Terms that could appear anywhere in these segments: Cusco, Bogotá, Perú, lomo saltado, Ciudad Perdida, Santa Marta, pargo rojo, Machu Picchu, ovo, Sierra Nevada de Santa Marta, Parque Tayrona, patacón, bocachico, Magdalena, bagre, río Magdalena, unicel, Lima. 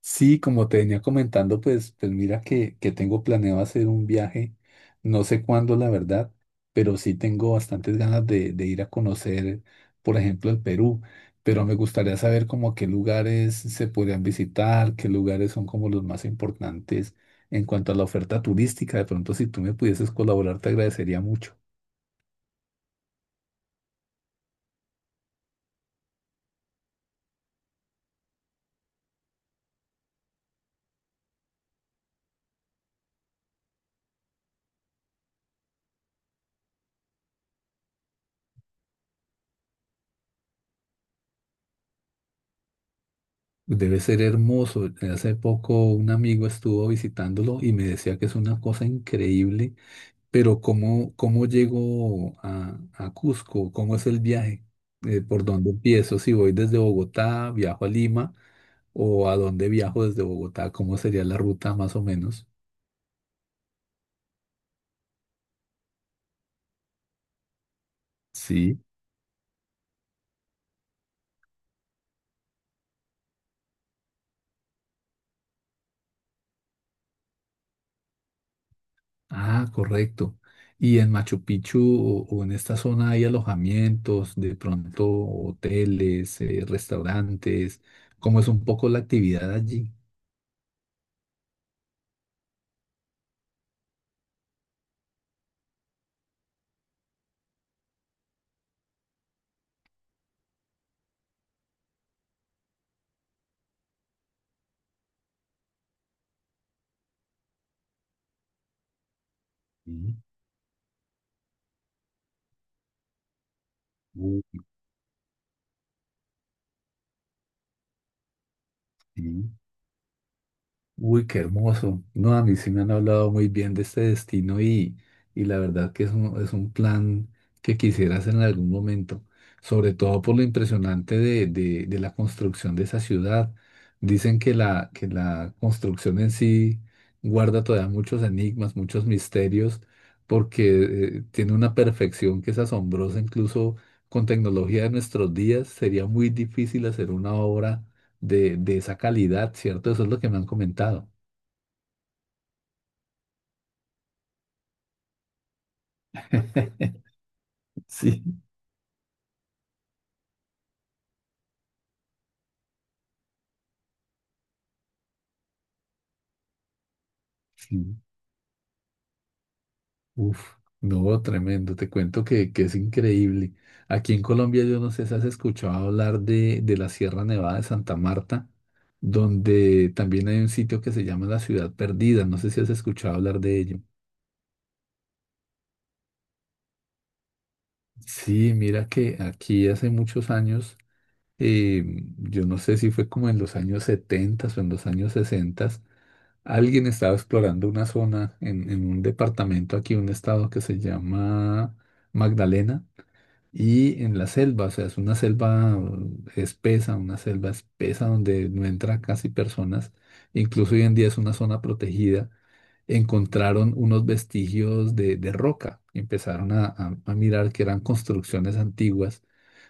Sí, como te venía comentando, pues mira que tengo planeado hacer un viaje, no sé cuándo la verdad, pero sí tengo bastantes ganas de ir a conocer, por ejemplo, el Perú, pero me gustaría saber como qué lugares se podrían visitar, qué lugares son como los más importantes en cuanto a la oferta turística. De pronto, si tú me pudieses colaborar, te agradecería mucho. Debe ser hermoso. Hace poco un amigo estuvo visitándolo y me decía que es una cosa increíble. Pero ¿cómo, cómo llego a Cusco? ¿Cómo es el viaje? ¿Por dónde empiezo? Si voy desde Bogotá, viajo a Lima, o a dónde viajo desde Bogotá, ¿cómo sería la ruta más o menos? Sí. Ah, correcto. ¿Y en Machu Picchu o en esta zona hay alojamientos, de pronto hoteles, restaurantes? ¿Cómo es un poco la actividad allí? Sí, uh, sí. Uy, qué hermoso. No, a mí sí me han hablado muy bien de este destino y la verdad que es un plan que quisieras en algún momento, sobre todo por lo impresionante de, de la construcción de esa ciudad. Dicen que la construcción en sí guarda todavía muchos enigmas, muchos misterios, porque tiene una perfección que es asombrosa, incluso con tecnología de nuestros días, sería muy difícil hacer una obra de esa calidad, ¿cierto? Eso es lo que me han comentado. Sí. Sí. Uf, no, tremendo. Te cuento que es increíble. Aquí en Colombia, yo no sé si has escuchado hablar de la Sierra Nevada de Santa Marta, donde también hay un sitio que se llama la Ciudad Perdida. No sé si has escuchado hablar de ello. Sí, mira que aquí hace muchos años, eh, yo no sé si fue como en los años 70 o en los años 60. Alguien estaba explorando una zona en un departamento aquí, un estado que se llama Magdalena, y en la selva, o sea, es una selva espesa, una selva espesa donde no entra casi personas, incluso hoy en día es una zona protegida. Encontraron unos vestigios de roca, empezaron a, a mirar que eran construcciones antiguas,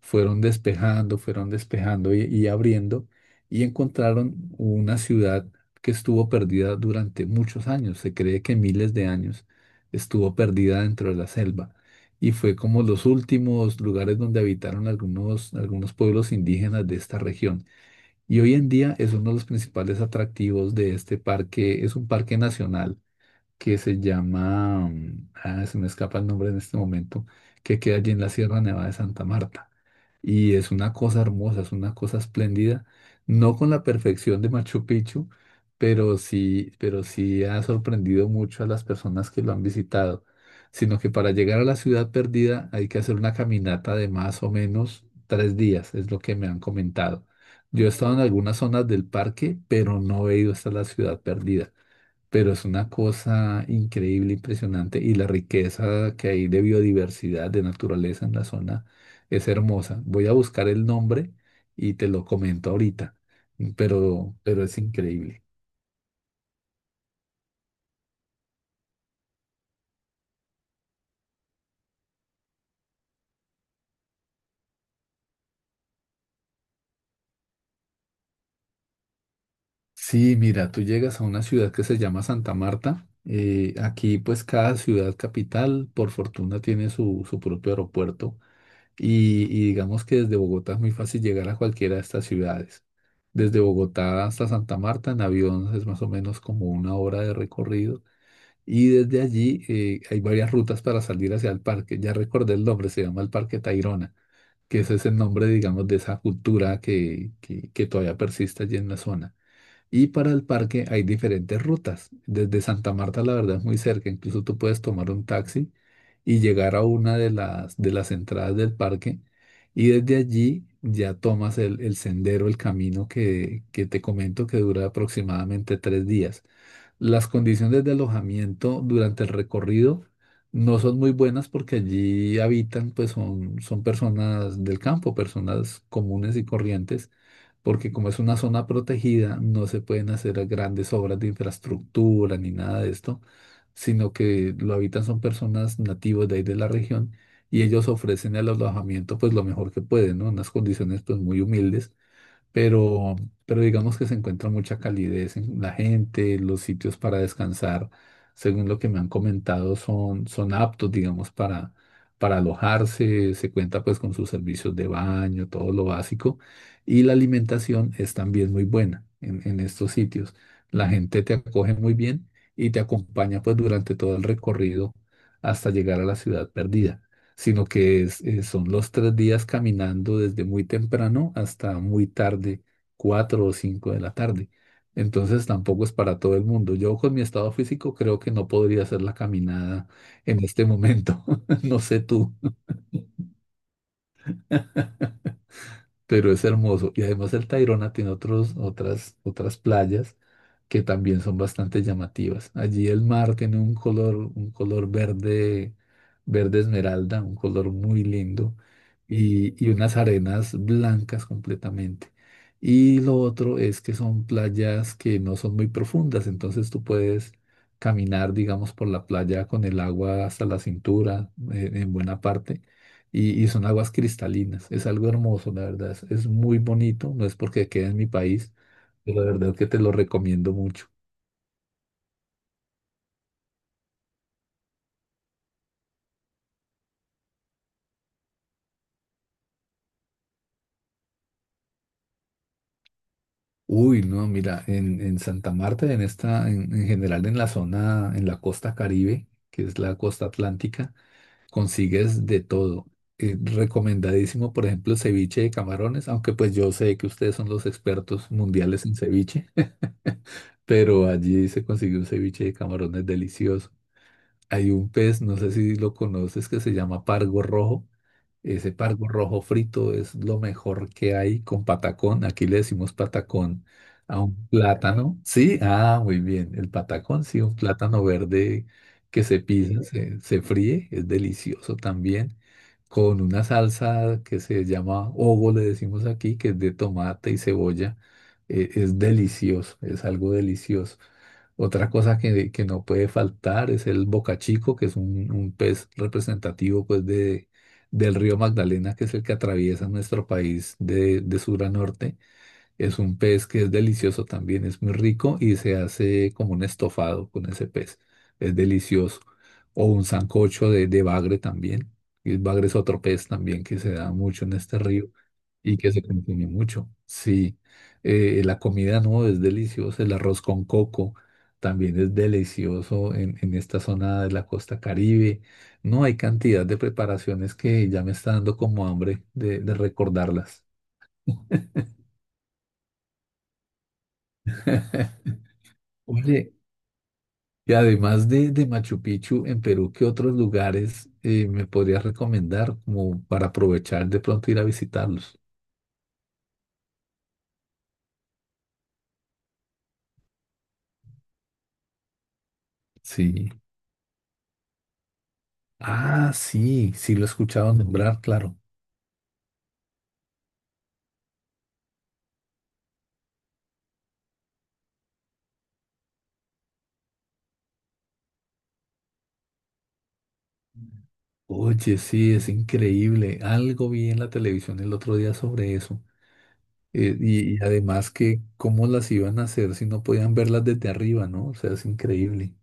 fueron despejando y abriendo, y encontraron una ciudad que estuvo perdida durante muchos años, se cree que miles de años estuvo perdida dentro de la selva. Y fue como los últimos lugares donde habitaron algunos, algunos pueblos indígenas de esta región. Y hoy en día es uno de los principales atractivos de este parque. Es un parque nacional que se llama, se me escapa el nombre en este momento, que queda allí en la Sierra Nevada de Santa Marta. Y es una cosa hermosa, es una cosa espléndida, no con la perfección de Machu Picchu, pero sí ha sorprendido mucho a las personas que lo han visitado. Sino que para llegar a la ciudad perdida hay que hacer una caminata de más o menos tres días, es lo que me han comentado. Yo he estado en algunas zonas del parque, pero no he ido hasta la ciudad perdida, pero es una cosa increíble, impresionante, y la riqueza que hay de biodiversidad, de naturaleza en la zona es hermosa. Voy a buscar el nombre y te lo comento ahorita, pero es increíble. Sí, mira, tú llegas a una ciudad que se llama Santa Marta. Aquí pues cada ciudad capital, por fortuna, tiene su, su propio aeropuerto. Y digamos que desde Bogotá es muy fácil llegar a cualquiera de estas ciudades. Desde Bogotá hasta Santa Marta en avión es más o menos como una hora de recorrido. Y desde allí hay varias rutas para salir hacia el parque. Ya recordé el nombre, se llama el Parque Tayrona, que ese es el nombre, digamos, de esa cultura que todavía persiste allí en la zona. Y para el parque hay diferentes rutas. Desde Santa Marta, la verdad, es muy cerca. Incluso tú puedes tomar un taxi y llegar a una de las entradas del parque. Y desde allí ya tomas el sendero, el camino que te comento que dura aproximadamente tres días. Las condiciones de alojamiento durante el recorrido no son muy buenas porque allí habitan, pues son, son personas del campo, personas comunes y corrientes, porque como es una zona protegida, no se pueden hacer grandes obras de infraestructura ni nada de esto, sino que lo habitan son personas nativas de ahí de la región, y ellos ofrecen el alojamiento pues lo mejor que pueden, ¿no? Unas condiciones pues muy humildes, pero, pero digamos que se encuentra mucha calidez en la gente, los sitios para descansar, según lo que me han comentado, son, son aptos, digamos, para alojarse, se cuenta pues con sus servicios de baño, todo lo básico, y la alimentación es también muy buena en estos sitios. La gente te acoge muy bien y te acompaña pues durante todo el recorrido hasta llegar a la ciudad perdida, sino que son los tres días caminando desde muy temprano hasta muy tarde, cuatro o cinco de la tarde. Entonces tampoco es para todo el mundo. Yo con mi estado físico creo que no podría hacer la caminada en este momento. No sé tú. Pero es hermoso. Y además el Tayrona tiene otros, otras, otras playas que también son bastante llamativas. Allí el mar tiene un color verde, verde esmeralda, un color muy lindo, y unas arenas blancas completamente. Y lo otro es que son playas que no son muy profundas, entonces tú puedes caminar, digamos, por la playa con el agua hasta la cintura, en buena parte, y son aguas cristalinas. Es algo hermoso, la verdad. Es muy bonito. No es porque quede en mi país, pero la verdad que te lo recomiendo mucho. Uy, no, mira, en Santa Marta, en esta, en general en la zona, en la costa Caribe, que es la costa atlántica, consigues de todo. Recomendadísimo, por ejemplo, ceviche de camarones, aunque pues yo sé que ustedes son los expertos mundiales en ceviche, pero allí se consigue un ceviche de camarones delicioso. Hay un pez, no sé si lo conoces, que se llama pargo rojo. Ese pargo rojo frito es lo mejor que hay con patacón. Aquí le decimos patacón a un plátano. Sí, ah, muy bien. El patacón, sí, un plátano verde que se pisa, se fríe, es delicioso también. Con una salsa que se llama ovo, le decimos aquí, que es de tomate y cebolla. Es delicioso, es algo delicioso. Otra cosa que no puede faltar es el bocachico, que es un pez representativo pues, de, del río Magdalena, que es el que atraviesa nuestro país de sur a norte. Es un pez que es delicioso también, es muy rico y se hace como un estofado con ese pez. Es delicioso. O un sancocho de bagre también. Y el bagre es otro pez también que se da mucho en este río y que se consume mucho. Sí, la comida no es deliciosa. El arroz con coco también es delicioso en esta zona de la costa Caribe. No hay cantidad de preparaciones que ya me está dando como hambre de recordarlas. Oye, y además de Machu Picchu, en Perú, ¿qué otros lugares me podrías recomendar como para aprovechar de pronto ir a visitarlos? Sí. Ah, sí, sí lo he escuchado nombrar, claro. Oye, sí, es increíble. Algo vi en la televisión el otro día sobre eso. Y, y además que cómo las iban a hacer si no podían verlas desde arriba, ¿no? O sea, es increíble.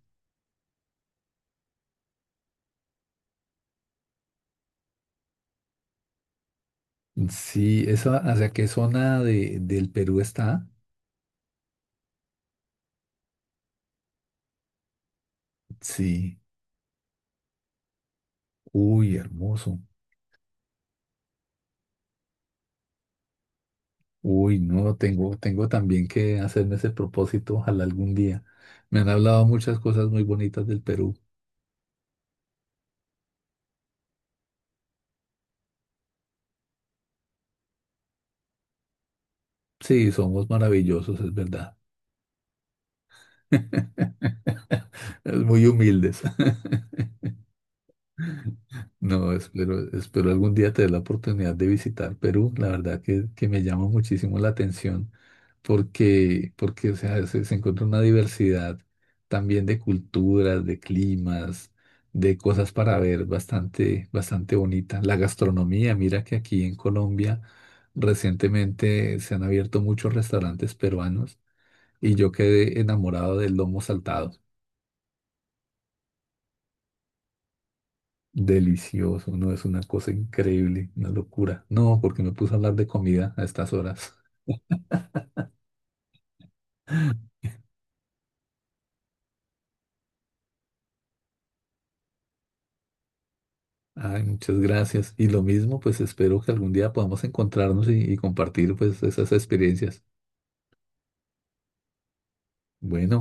Sí, esa, ¿hacia qué zona de, del Perú está? Sí. Uy, hermoso. Uy, no, tengo, tengo también que hacerme ese propósito, ojalá algún día. Me han hablado muchas cosas muy bonitas del Perú. Sí, somos maravillosos, es verdad. Es muy humildes. No, espero, espero algún día tener la oportunidad de visitar Perú. La verdad que me llama muchísimo la atención, porque, porque o sea, se encuentra una diversidad también de culturas, de climas, de cosas para ver bastante, bastante bonita. La gastronomía, mira que aquí en Colombia recientemente se han abierto muchos restaurantes peruanos y yo quedé enamorado del lomo saltado. Delicioso, no es una cosa increíble, una locura. No, porque me puse a hablar de comida a estas horas. Ay, muchas gracias. Y lo mismo, pues espero que algún día podamos encontrarnos y compartir pues esas experiencias. Bueno.